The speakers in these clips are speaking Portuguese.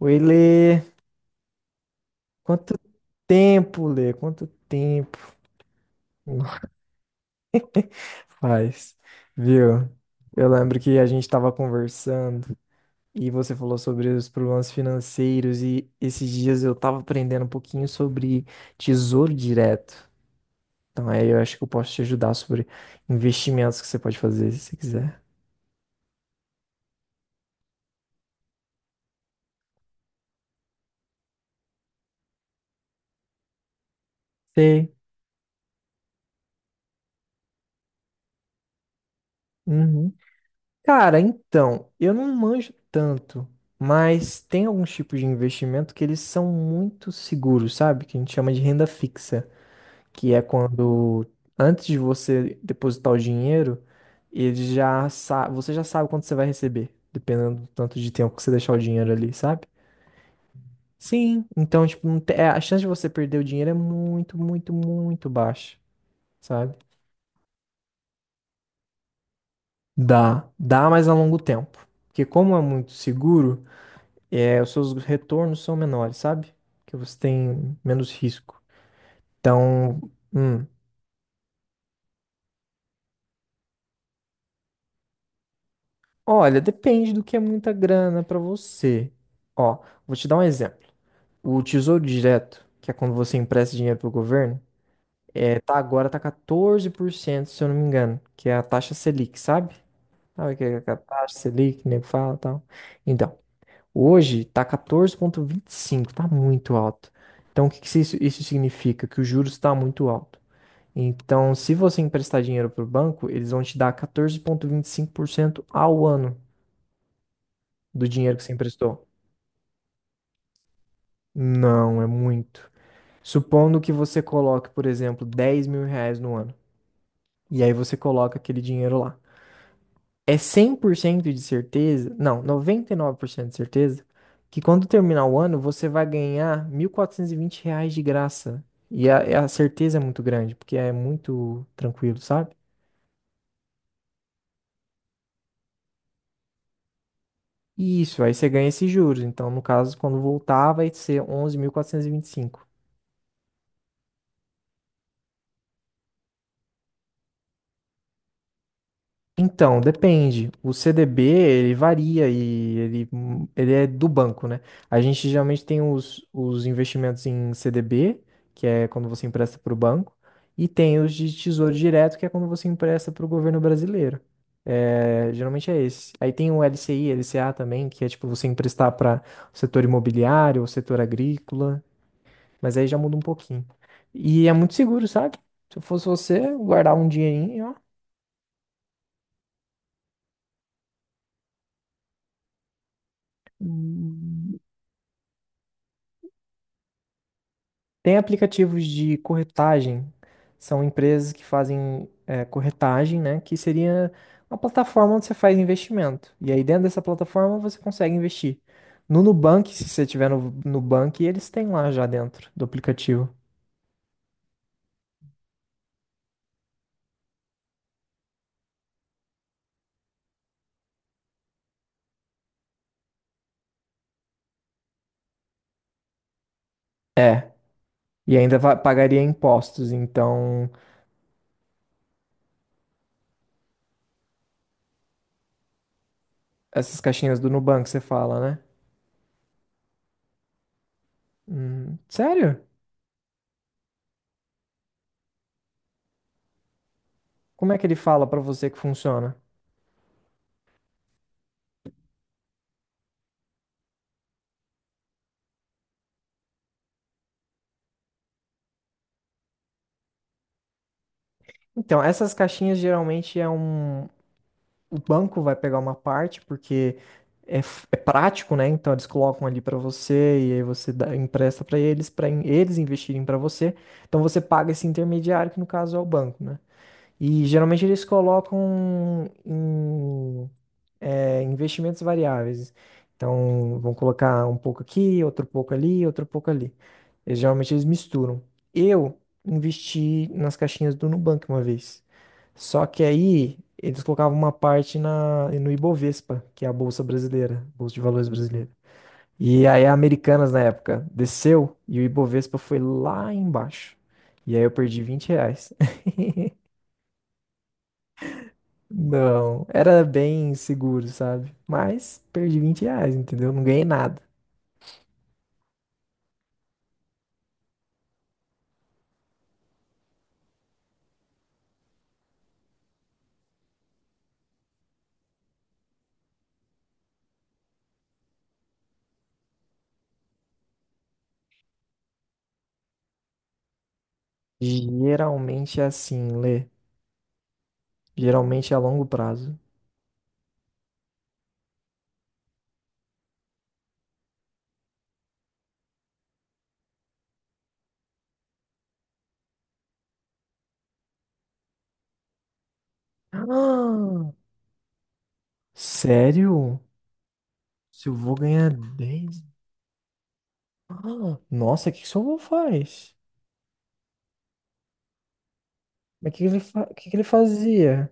Oi, Lê. Quanto tempo, Lê? Quanto tempo faz, viu? Eu lembro que a gente estava conversando e você falou sobre os problemas financeiros e esses dias eu estava aprendendo um pouquinho sobre tesouro direto. Então aí eu acho que eu posso te ajudar sobre investimentos que você pode fazer se você quiser. Sei. Uhum. Cara, então, eu não manjo tanto, mas tem alguns tipos de investimento que eles são muito seguros, sabe? Que a gente chama de renda fixa, que é quando antes de você depositar o dinheiro, ele você já sabe quanto você vai receber, dependendo do tanto de tempo que você deixar o dinheiro ali, sabe? Sim, então, tipo, não te- é, a chance de você perder o dinheiro é muito, muito, muito baixa, sabe? Dá, dá, mas a longo tempo. Porque como é muito seguro, é, os seus retornos são menores, sabe? Que você tem menos risco. Então, hum, olha, depende do que é muita grana pra você. Ó, vou te dar um exemplo. O Tesouro Direto, que é quando você empresta dinheiro pro governo, tá agora tá 14%, se eu não me engano, que é a taxa Selic, sabe? Sabe o que é a taxa Selic, que o nego fala e tal. Então, hoje tá 14,25, tá muito alto. Então, o que que isso significa? Que o juros está muito alto. Então, se você emprestar dinheiro para o banco, eles vão te dar 14,25% ao ano do dinheiro que você emprestou. Não, é muito. Supondo que você coloque, por exemplo, 10 mil reais no ano, e aí você coloca aquele dinheiro lá. É 100% de certeza, não, 99% de certeza, que quando terminar o ano, você vai ganhar 1.420 reais de graça. E a certeza é muito grande, porque é muito tranquilo, sabe? Isso, aí você ganha esses juros. Então, no caso, quando voltar, vai ser onze mil quatrocentos e vinte e cinco. Então, depende. O CDB, ele varia e ele é do banco, né? A gente geralmente tem os investimentos em CDB, que é quando você empresta para o banco, e tem os de Tesouro Direto, que é quando você empresta para o governo brasileiro. É, geralmente é esse. Aí tem o LCI, LCA também, que é tipo você emprestar para o setor imobiliário, o setor agrícola. Mas aí já muda um pouquinho. E é muito seguro, sabe? Se eu fosse você, guardar um dinheirinho, ó. Tem aplicativos de corretagem. São empresas que fazem corretagem, né? Que seria uma plataforma onde você faz investimento. E aí dentro dessa plataforma você consegue investir. No Nubank, se você tiver no Nubank, eles têm lá já dentro do aplicativo. É. E ainda pagaria impostos. Então, essas caixinhas do Nubank, você fala, né? Sério? Como é que ele fala pra você que funciona? Então, essas caixinhas geralmente é um. O banco vai pegar uma parte, porque é prático, né? Então, eles colocam ali para você e aí você empresta para eles investirem para você. Então, você paga esse intermediário, que no caso é o banco, né? E geralmente eles colocam em investimentos variáveis. Então, vão colocar um pouco aqui, outro pouco ali, outro pouco ali. E, geralmente eles misturam. Eu investi nas caixinhas do Nubank uma vez. Só que aí eles colocavam uma parte no Ibovespa, que é a Bolsa Brasileira, Bolsa de Valores Brasileira. E aí a Americanas na época desceu e o Ibovespa foi lá embaixo. E aí eu perdi 20 reais. Não, era bem seguro, sabe? Mas perdi 20 reais, entendeu? Não ganhei nada. Geralmente é assim, Lê. Geralmente é a longo prazo. Ah, sério? Se eu vou ganhar 10? Ah, nossa, o que que seu avô faz? Mas o que que ele fa... que ele fazia?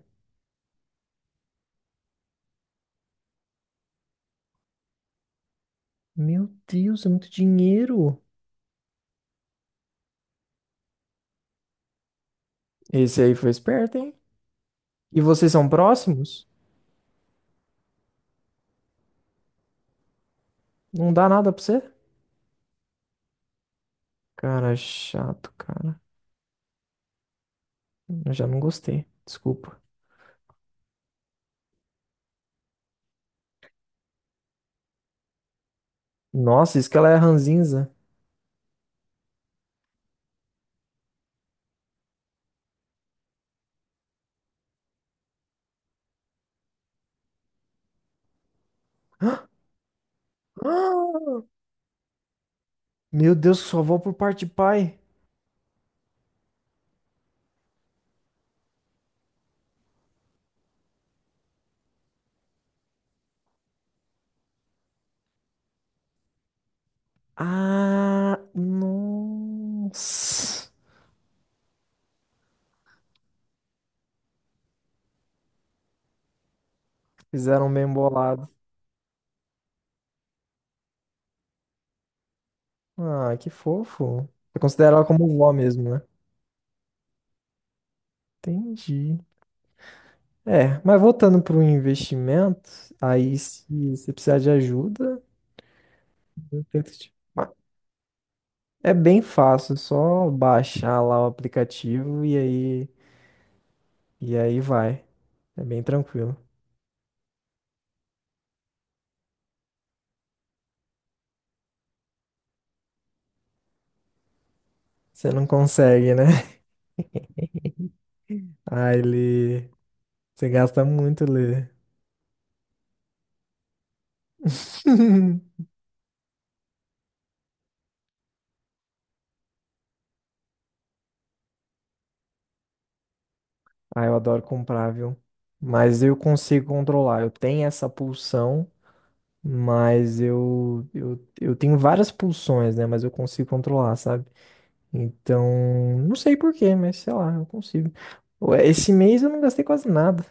Meu Deus, é muito dinheiro. Esse aí foi esperto, hein? E vocês são próximos? Não dá nada pra você? Cara, chato, cara. Eu já não gostei. Desculpa. Nossa, isso que ela é ranzinza. Ah! Meu Deus, só vou por parte de pai. Ah, nossa. Fizeram um bem bolado. Ah, que fofo. Você considera ela como vó mesmo, né? Entendi. É, mas voltando para o investimento, aí se você precisar de ajuda, mas é bem fácil, é só baixar lá o aplicativo e aí vai. É bem tranquilo. Você não consegue, né? Aí ele... Você gasta muito ler. Ah, eu adoro comprar, viu? Mas eu consigo controlar. Eu tenho essa pulsão, mas eu tenho várias pulsões, né? Mas eu consigo controlar, sabe? Então, não sei por quê, mas sei lá, eu consigo. Ué, esse mês eu não gastei quase nada.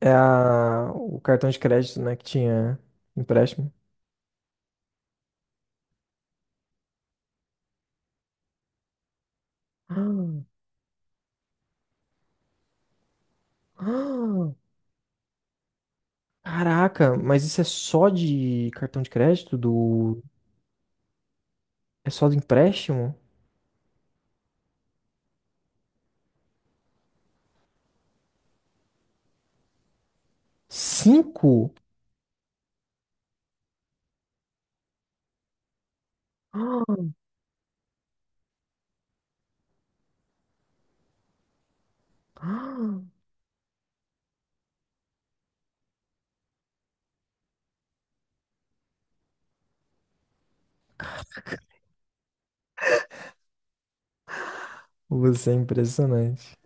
O cartão de crédito, né, que tinha empréstimo. Ah, ah, caraca, mas isso é só de cartão de crédito do é só do empréstimo? Cinco? Ah, ah. Você é impressionante.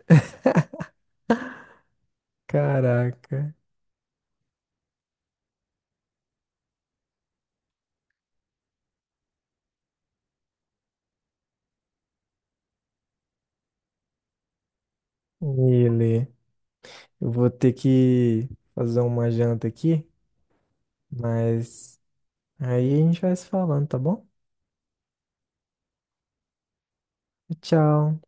Caraca. Ele, eu vou ter que fazer uma janta aqui, mas aí a gente vai se falando, tá bom? Tchau.